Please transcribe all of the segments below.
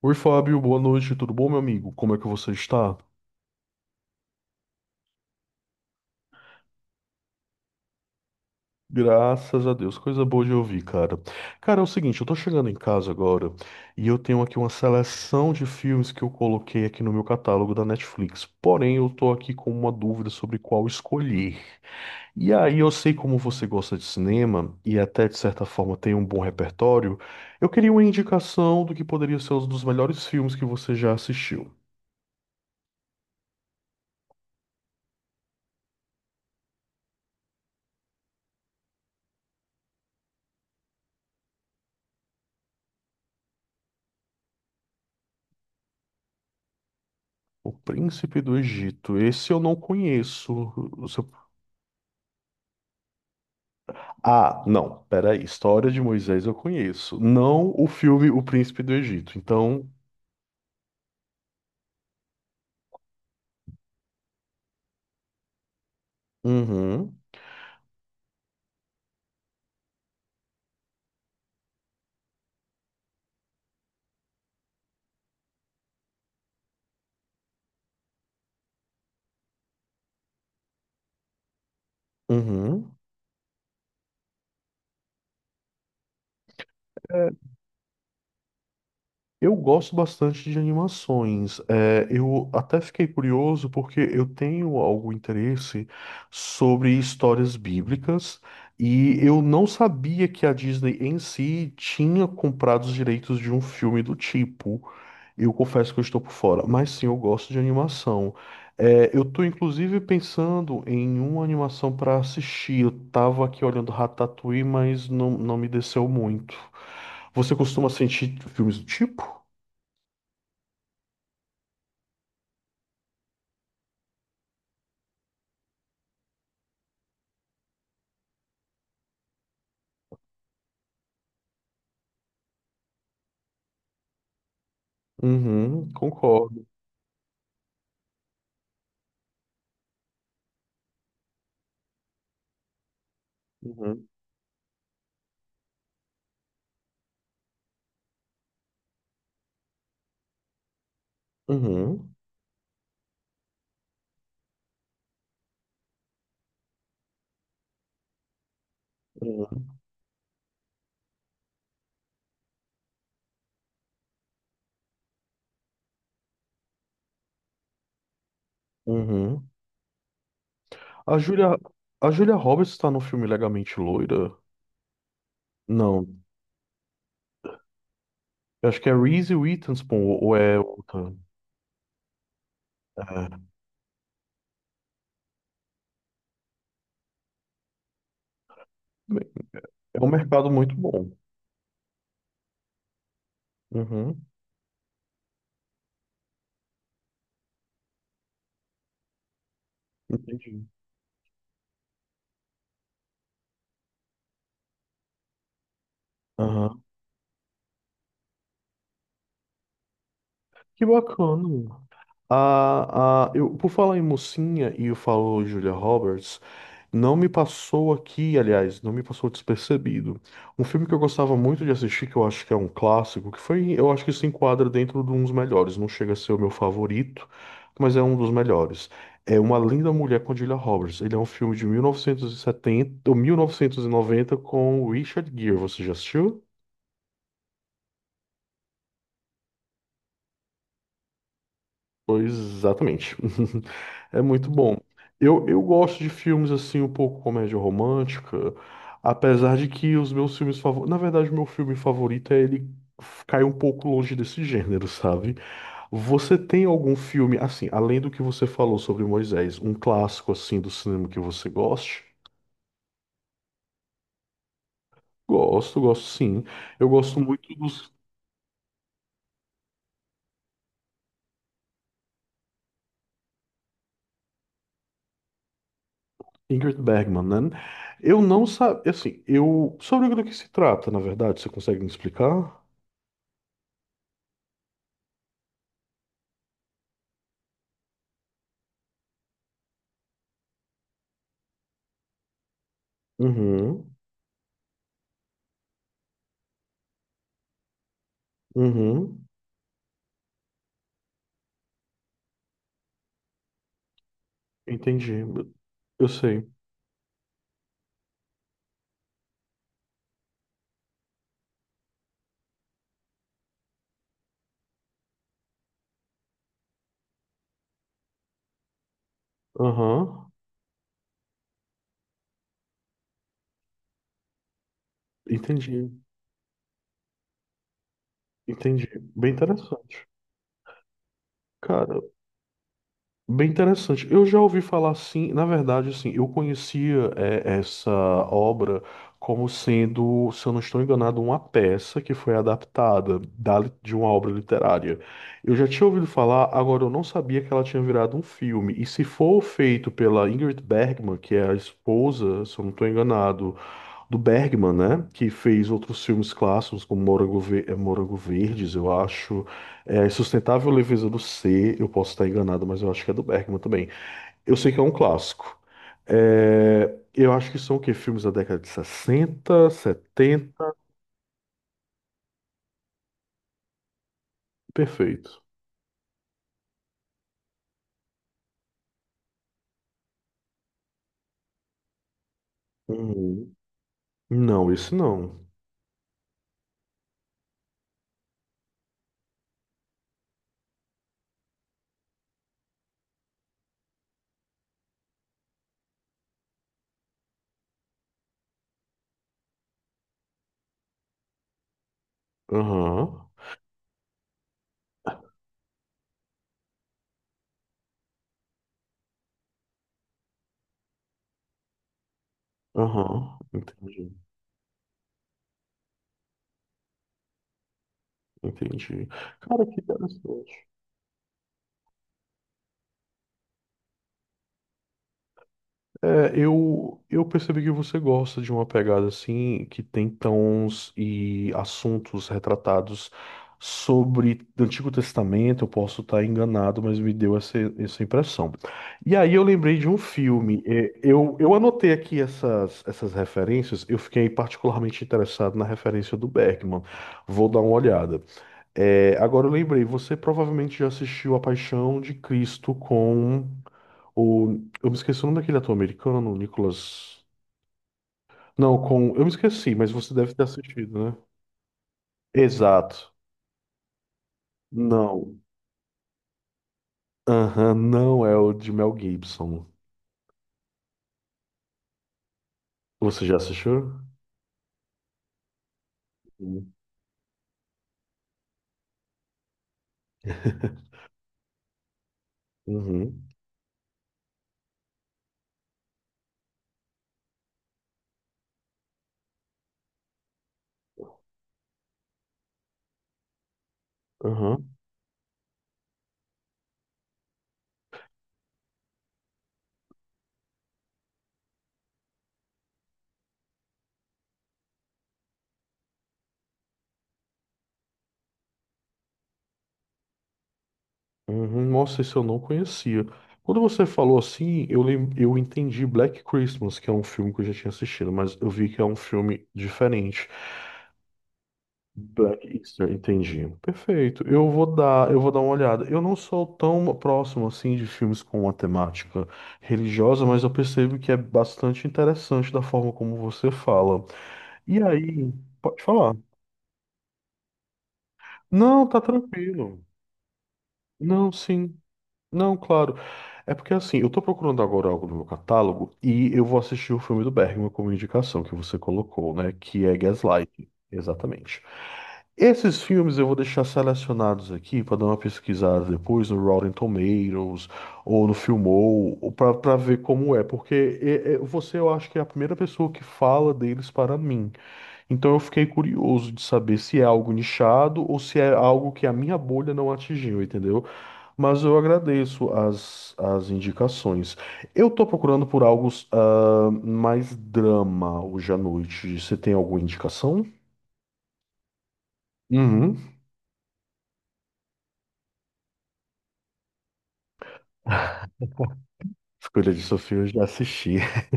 Oi, Fábio, boa noite, tudo bom, meu amigo? Como é que você está? Graças a Deus, coisa boa de ouvir, cara. Cara, é o seguinte, eu tô chegando em casa agora e eu tenho aqui uma seleção de filmes que eu coloquei aqui no meu catálogo da Netflix. Porém, eu tô aqui com uma dúvida sobre qual escolher. E aí, eu sei como você gosta de cinema e até de certa forma tem um bom repertório. Eu queria uma indicação do que poderia ser um dos melhores filmes que você já assistiu. O Príncipe do Egito. Esse eu não conheço. Você Ah, não, peraí. História de Moisés eu conheço. Não o filme O Príncipe do Egito. Então. Uhum. Uhum. É, eu gosto bastante de animações. É, eu até fiquei curioso porque eu tenho algum interesse sobre histórias bíblicas e eu não sabia que a Disney em si tinha comprado os direitos de um filme do tipo. Eu confesso que eu estou por fora, mas sim, eu gosto de animação. É, eu estou inclusive pensando em uma animação para assistir. Eu estava aqui olhando Ratatouille, mas não, não me desceu muito. Você costuma assistir filmes do tipo? Uhum, concordo. Uhum. Uhum. Uhum. Uhum. A Julia, a Julia Roberts está no filme Legamente Loira? Não. Eu acho que é Reese Witherspoon ou é outra. É, é um mercado muito bom. Uhum, entendi. Aham. Que bacana. Eu, por falar em mocinha e eu falo Julia Roberts, não me passou aqui, aliás, não me passou despercebido. Um filme que eu gostava muito de assistir, que eu acho que é um clássico, que foi, eu acho que se enquadra dentro de um dos melhores. Não chega a ser o meu favorito, mas é um dos melhores. É Uma Linda Mulher com Julia Roberts. Ele é um filme de 1970 ou 1990 com Richard Gere. Você já assistiu? Pois, exatamente. É muito bom. Eu gosto de filmes assim, um pouco comédia romântica, apesar de que os meus filmes favoritos. Na verdade, o meu filme favorito é ele cai um pouco longe desse gênero, sabe? Você tem algum filme, assim, além do que você falou sobre Moisés, um clássico assim do cinema que você goste? Gosto, gosto sim. Eu gosto muito dos Ingrid Bergman, né? Eu não sabia, assim, eu. Sobre o que se trata, na verdade, você consegue me explicar? Uhum, uhum, entendi. Eu sei. Aham, entendi, entendi. Bem interessante. Cara, bem interessante. Eu já ouvi falar assim, na verdade, assim, eu conhecia essa obra como sendo, se eu não estou enganado, uma peça que foi adaptada de uma obra literária. Eu já tinha ouvido falar, agora eu não sabia que ela tinha virado um filme. E se for feito pela Ingrid Bergman, que é a esposa, se eu não estou enganado. Do Bergman, né? Que fez outros filmes clássicos, como Morango Verdes, eu acho. É, Sustentável Leveza do Ser, eu posso estar enganado, mas eu acho que é do Bergman também. Eu sei que é um clássico. É, eu acho que são o quê? Filmes da década de sessenta setenta. Perfeito. Uhum. Não, esse não. Aham. Aham. Entendi. Entendi. Cara, que interessante. Eu percebi que você gosta de uma pegada assim, que tem tons e assuntos retratados sobre o Antigo Testamento. Eu posso estar enganado, mas me deu essa impressão. E aí eu lembrei de um filme. Eu anotei aqui essas referências. Eu fiquei particularmente interessado na referência do Bergman. Vou dar uma olhada. É, agora eu lembrei, você provavelmente já assistiu A Paixão de Cristo com. O, eu me esqueci o nome daquele ator americano, Nicholas. Não, com. Eu me esqueci, mas você deve ter assistido, né? Exato. Não. Aham, não é o de Mel Gibson. Você já assistiu? Sim. Uhum, uhum, uhum. Nossa, isso eu não conhecia. Quando você falou assim, eu entendi Black Christmas, que é um filme que eu já tinha assistido, mas eu vi que é um filme diferente. Black Easter, entendi. Perfeito. Eu vou dar uma olhada. Eu não sou tão próximo assim de filmes com uma temática religiosa, mas eu percebo que é bastante interessante da forma como você fala. E aí, pode falar. Não, tá tranquilo. Não, sim. Não, claro. É porque assim, eu tô procurando agora algo no meu catálogo e eu vou assistir o filme do Bergman como indicação que você colocou, né? Que é Gaslight. Exatamente. Esses filmes eu vou deixar selecionados aqui para dar uma pesquisada depois no Rotten Tomatoes ou no Filmou, para ver como é, porque você eu acho que é a primeira pessoa que fala deles para mim. Então eu fiquei curioso de saber se é algo nichado ou se é algo que a minha bolha não atingiu, entendeu? Mas eu agradeço as indicações. Eu tô procurando por algo mais drama hoje à noite. Você tem alguma indicação? Uhum. Escolha de Sofia eu já assisti.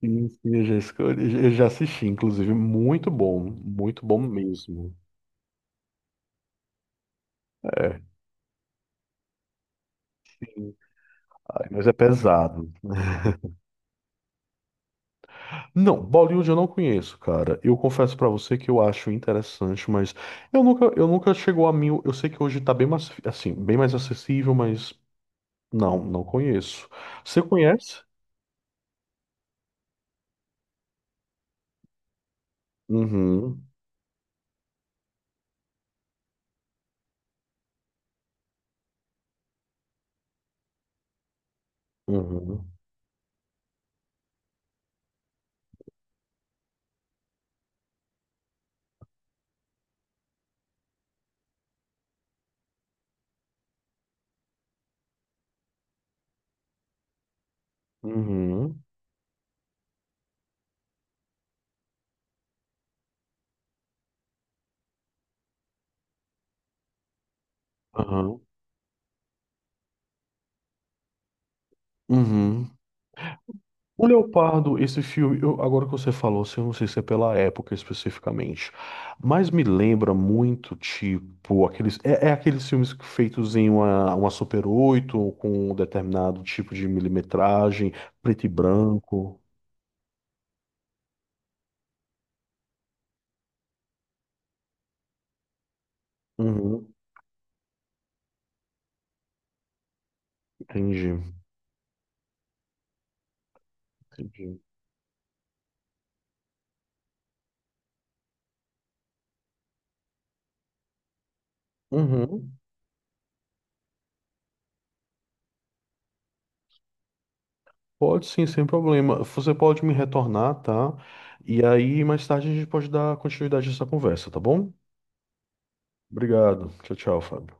Sim, sim, eu já escolhi, eu já assisti, inclusive, muito bom mesmo. É. Ai, mas é pesado. Não, Bollywood eu não conheço, cara. Eu confesso pra você que eu acho interessante, mas eu nunca chegou a mim. Eu sei que hoje tá bem mais, assim, bem mais acessível, mas não, não conheço. Você conhece? Uhum. Uhum. Uhum. Aham. Uhum. O Leopardo, esse filme, agora que você falou, assim, eu não sei se é pela época especificamente, mas me lembra muito, tipo, aqueles, é, é aqueles filmes feitos em uma Super 8 ou com um determinado tipo de milimetragem, preto e branco. Uhum, entendi, entendi. Uhum, pode sim, sem problema. Você pode me retornar, tá? E aí, mais tarde, a gente pode dar continuidade a essa conversa, tá bom? Obrigado. Tchau, tchau, Fábio.